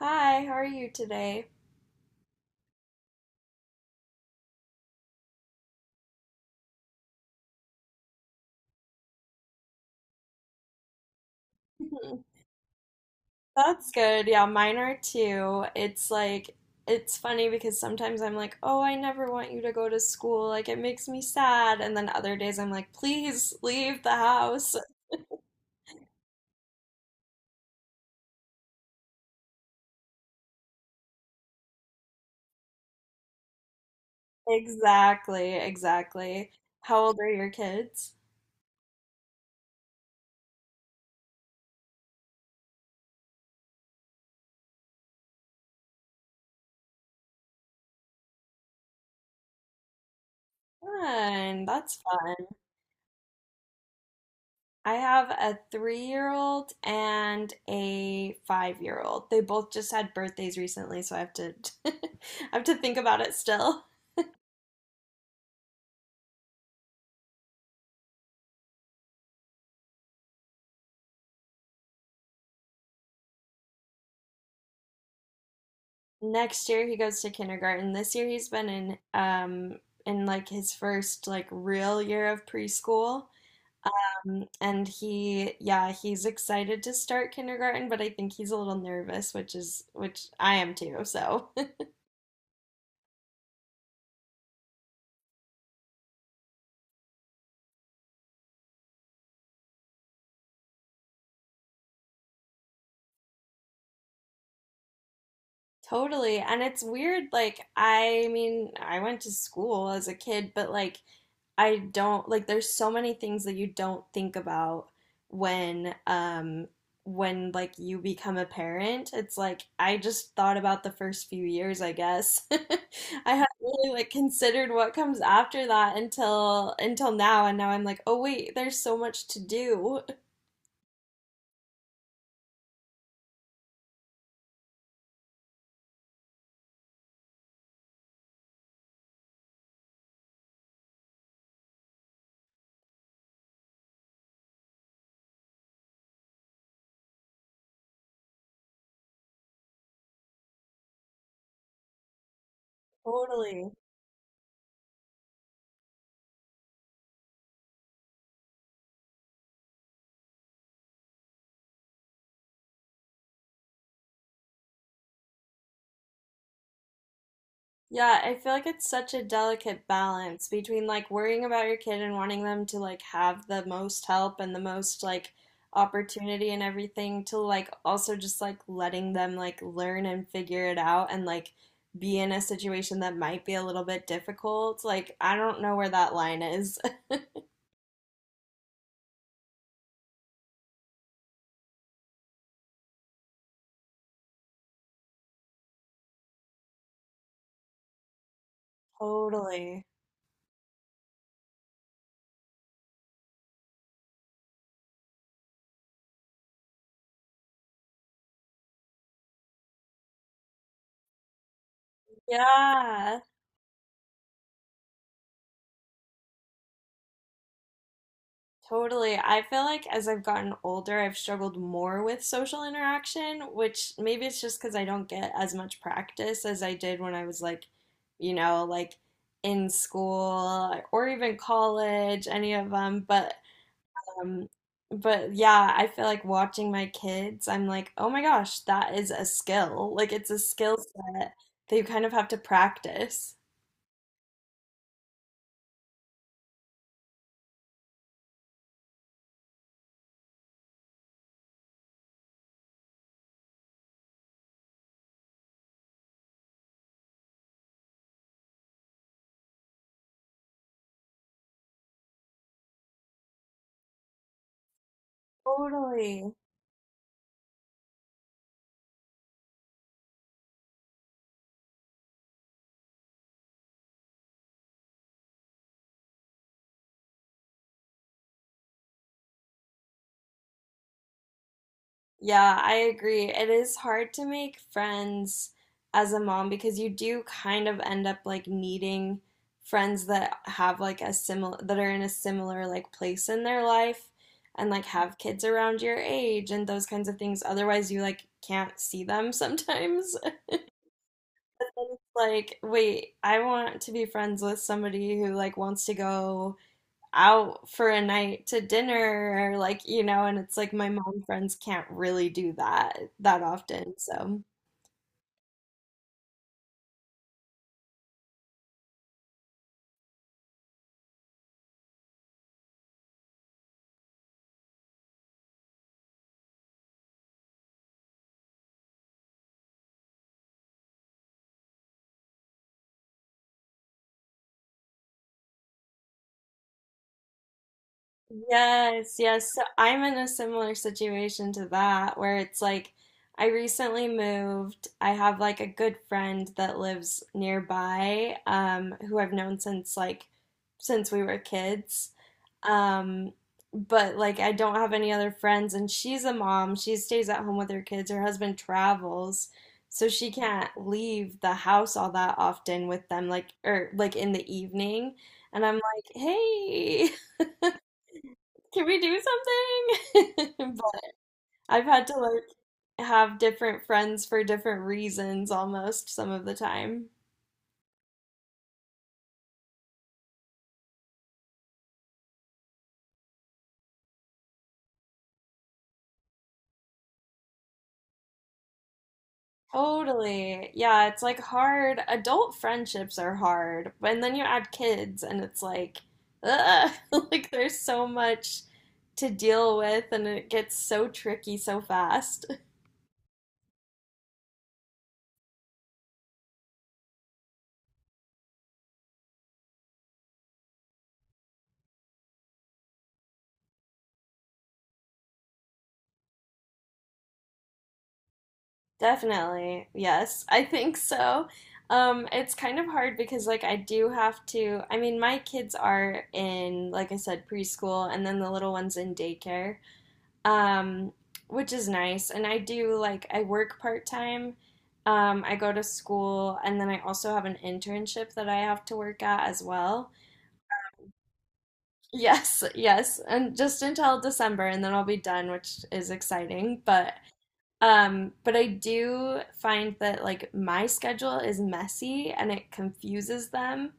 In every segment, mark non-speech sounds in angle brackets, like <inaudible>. Hi, how are you today? Mhm. That's good. Yeah, mine are too. It's like, it's funny because sometimes I'm like, oh, I never want you to go to school. Like, it makes me sad. And then other days I'm like, please leave the house. Exactly, exactly. How old are your kids? Fun. That's fun. I have a three-year-old and a five-year-old. They both just had birthdays recently, so I have to <laughs> I have to think about it still. Next year he goes to kindergarten. This year he's been in like his first like real year of preschool. And he yeah, he's excited to start kindergarten, but I think he's a little nervous, which I am too. So totally. And it's weird, like, I mean, I went to school as a kid, but like, I don't, like, there's so many things that you don't think about when, um, when like you become a parent. It's like, I just thought about the first few years, I guess. <laughs> I hadn't really like considered what comes after that until now, and now I'm like, oh wait, there's so much to do. <laughs> Totally. Yeah, I feel like it's such a delicate balance between like worrying about your kid and wanting them to like have the most help and the most like opportunity and everything to like also just like letting them like learn and figure it out and like be in a situation that might be a little bit difficult. Like, I don't know where that line is. <laughs> Totally. Yeah. Totally. I feel like as I've gotten older, I've struggled more with social interaction, which maybe it's just because I don't get as much practice as I did when I was like, you know, like in school or even college, any of them. Um, but yeah, I feel like watching my kids, I'm like, oh my gosh, that is a skill. Like it's a skill set that you kind of have to practice. Totally. Yeah, I agree. It is hard to make friends as a mom because you do kind of end up like needing friends that have like a similar that are in a similar like place in their life and like have kids around your age and those kinds of things. Otherwise, you like can't see them sometimes. <laughs> Like, wait, I want to be friends with somebody who like wants to go out for a night to dinner, or like, you know, and it's like my mom friends can't really do that that often. So. Yes, yes. So I'm in a similar situation to that where it's like I recently moved. I have like a good friend that lives nearby, who I've known since since we were kids. Um, but like I don't have any other friends and she's a mom. She stays at home with her kids. Her husband travels, so she can't leave the house all that often with them, like or like in the evening. And I'm like, "Hey, <laughs> can we do something? <laughs> But I've had to like have different friends for different reasons almost some of the time. Totally. Yeah, it's like hard. Adult friendships are hard. But- and then you add kids and it's like, ugh, <laughs> like there's so much to deal with and it gets so tricky so fast. Definitely. Yes, I think so. It's kind of hard because like I do have to, I mean, my kids are in, like I said, preschool and then the little one's in daycare. Um, which is nice. And I do like I work part-time. I go to school and then I also have an internship that I have to work at as well. Yes, yes, and just until December and then I'll be done, which is exciting, but I do find that like my schedule is messy and it confuses them.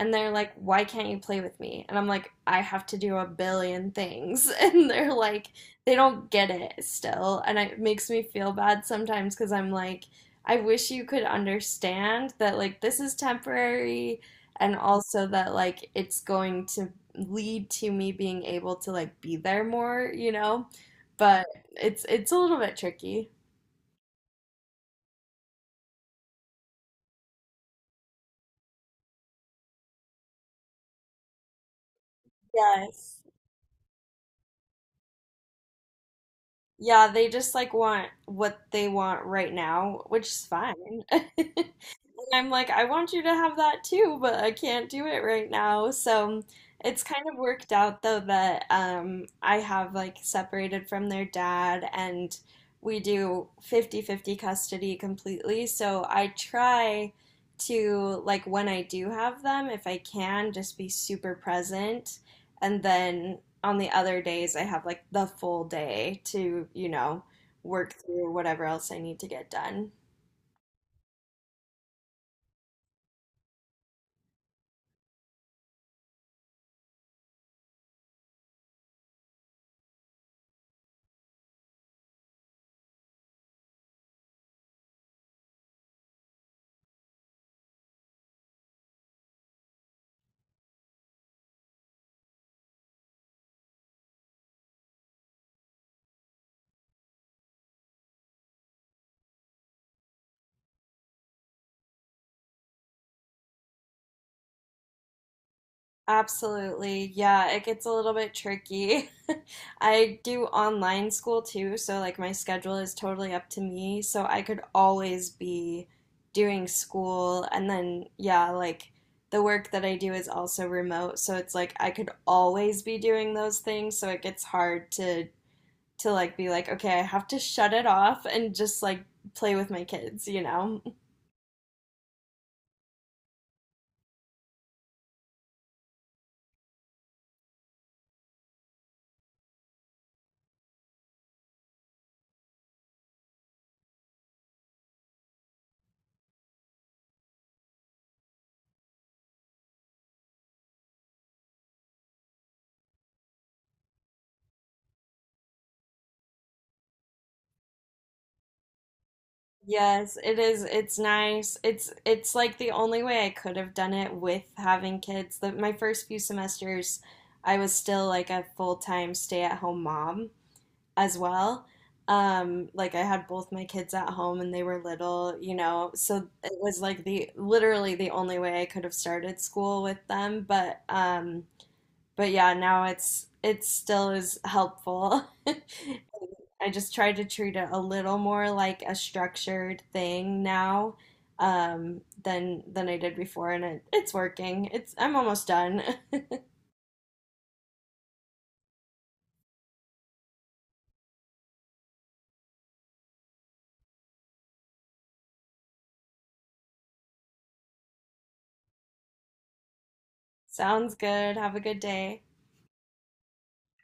And they're like, why can't you play with me? And I'm like, I have to do a billion things. <laughs> And they're like, they don't get it still. And it makes me feel bad sometimes because I'm like, I wish you could understand that like this is temporary and also that like it's going to lead to me being able to like be there more, you know? But it's a little bit tricky. Yes. Yeah, they just like want what they want right now, which is fine. <laughs> I'm like, I want you to have that too, but I can't do it right now. So it's kind of worked out though that I have like separated from their dad and we do 50-50 custody completely. So I try to, like, when I do have them, if I can, just be super present. And then on the other days, I have like the full day to, you know, work through whatever else I need to get done. Absolutely. Yeah, it gets a little bit tricky. <laughs> I do online school too, so like my schedule is totally up to me. So I could always be doing school. And then, yeah, like the work that I do is also remote. So it's like I could always be doing those things. So it gets hard to like be like, okay, I have to shut it off and just like play with my kids, you know? Yes, it is. It's nice. It's like the only way I could have done it with having kids. The, my first few semesters, I was still like a full-time stay-at-home mom as well. Like I had both my kids at home and they were little, you know. So it was like the literally the only way I could have started school with them, but yeah, now it still is helpful. <laughs> I just try to treat it a little more like a structured thing now than I did before, and it's working. It's I'm almost done. <laughs> Sounds good. Have a good day.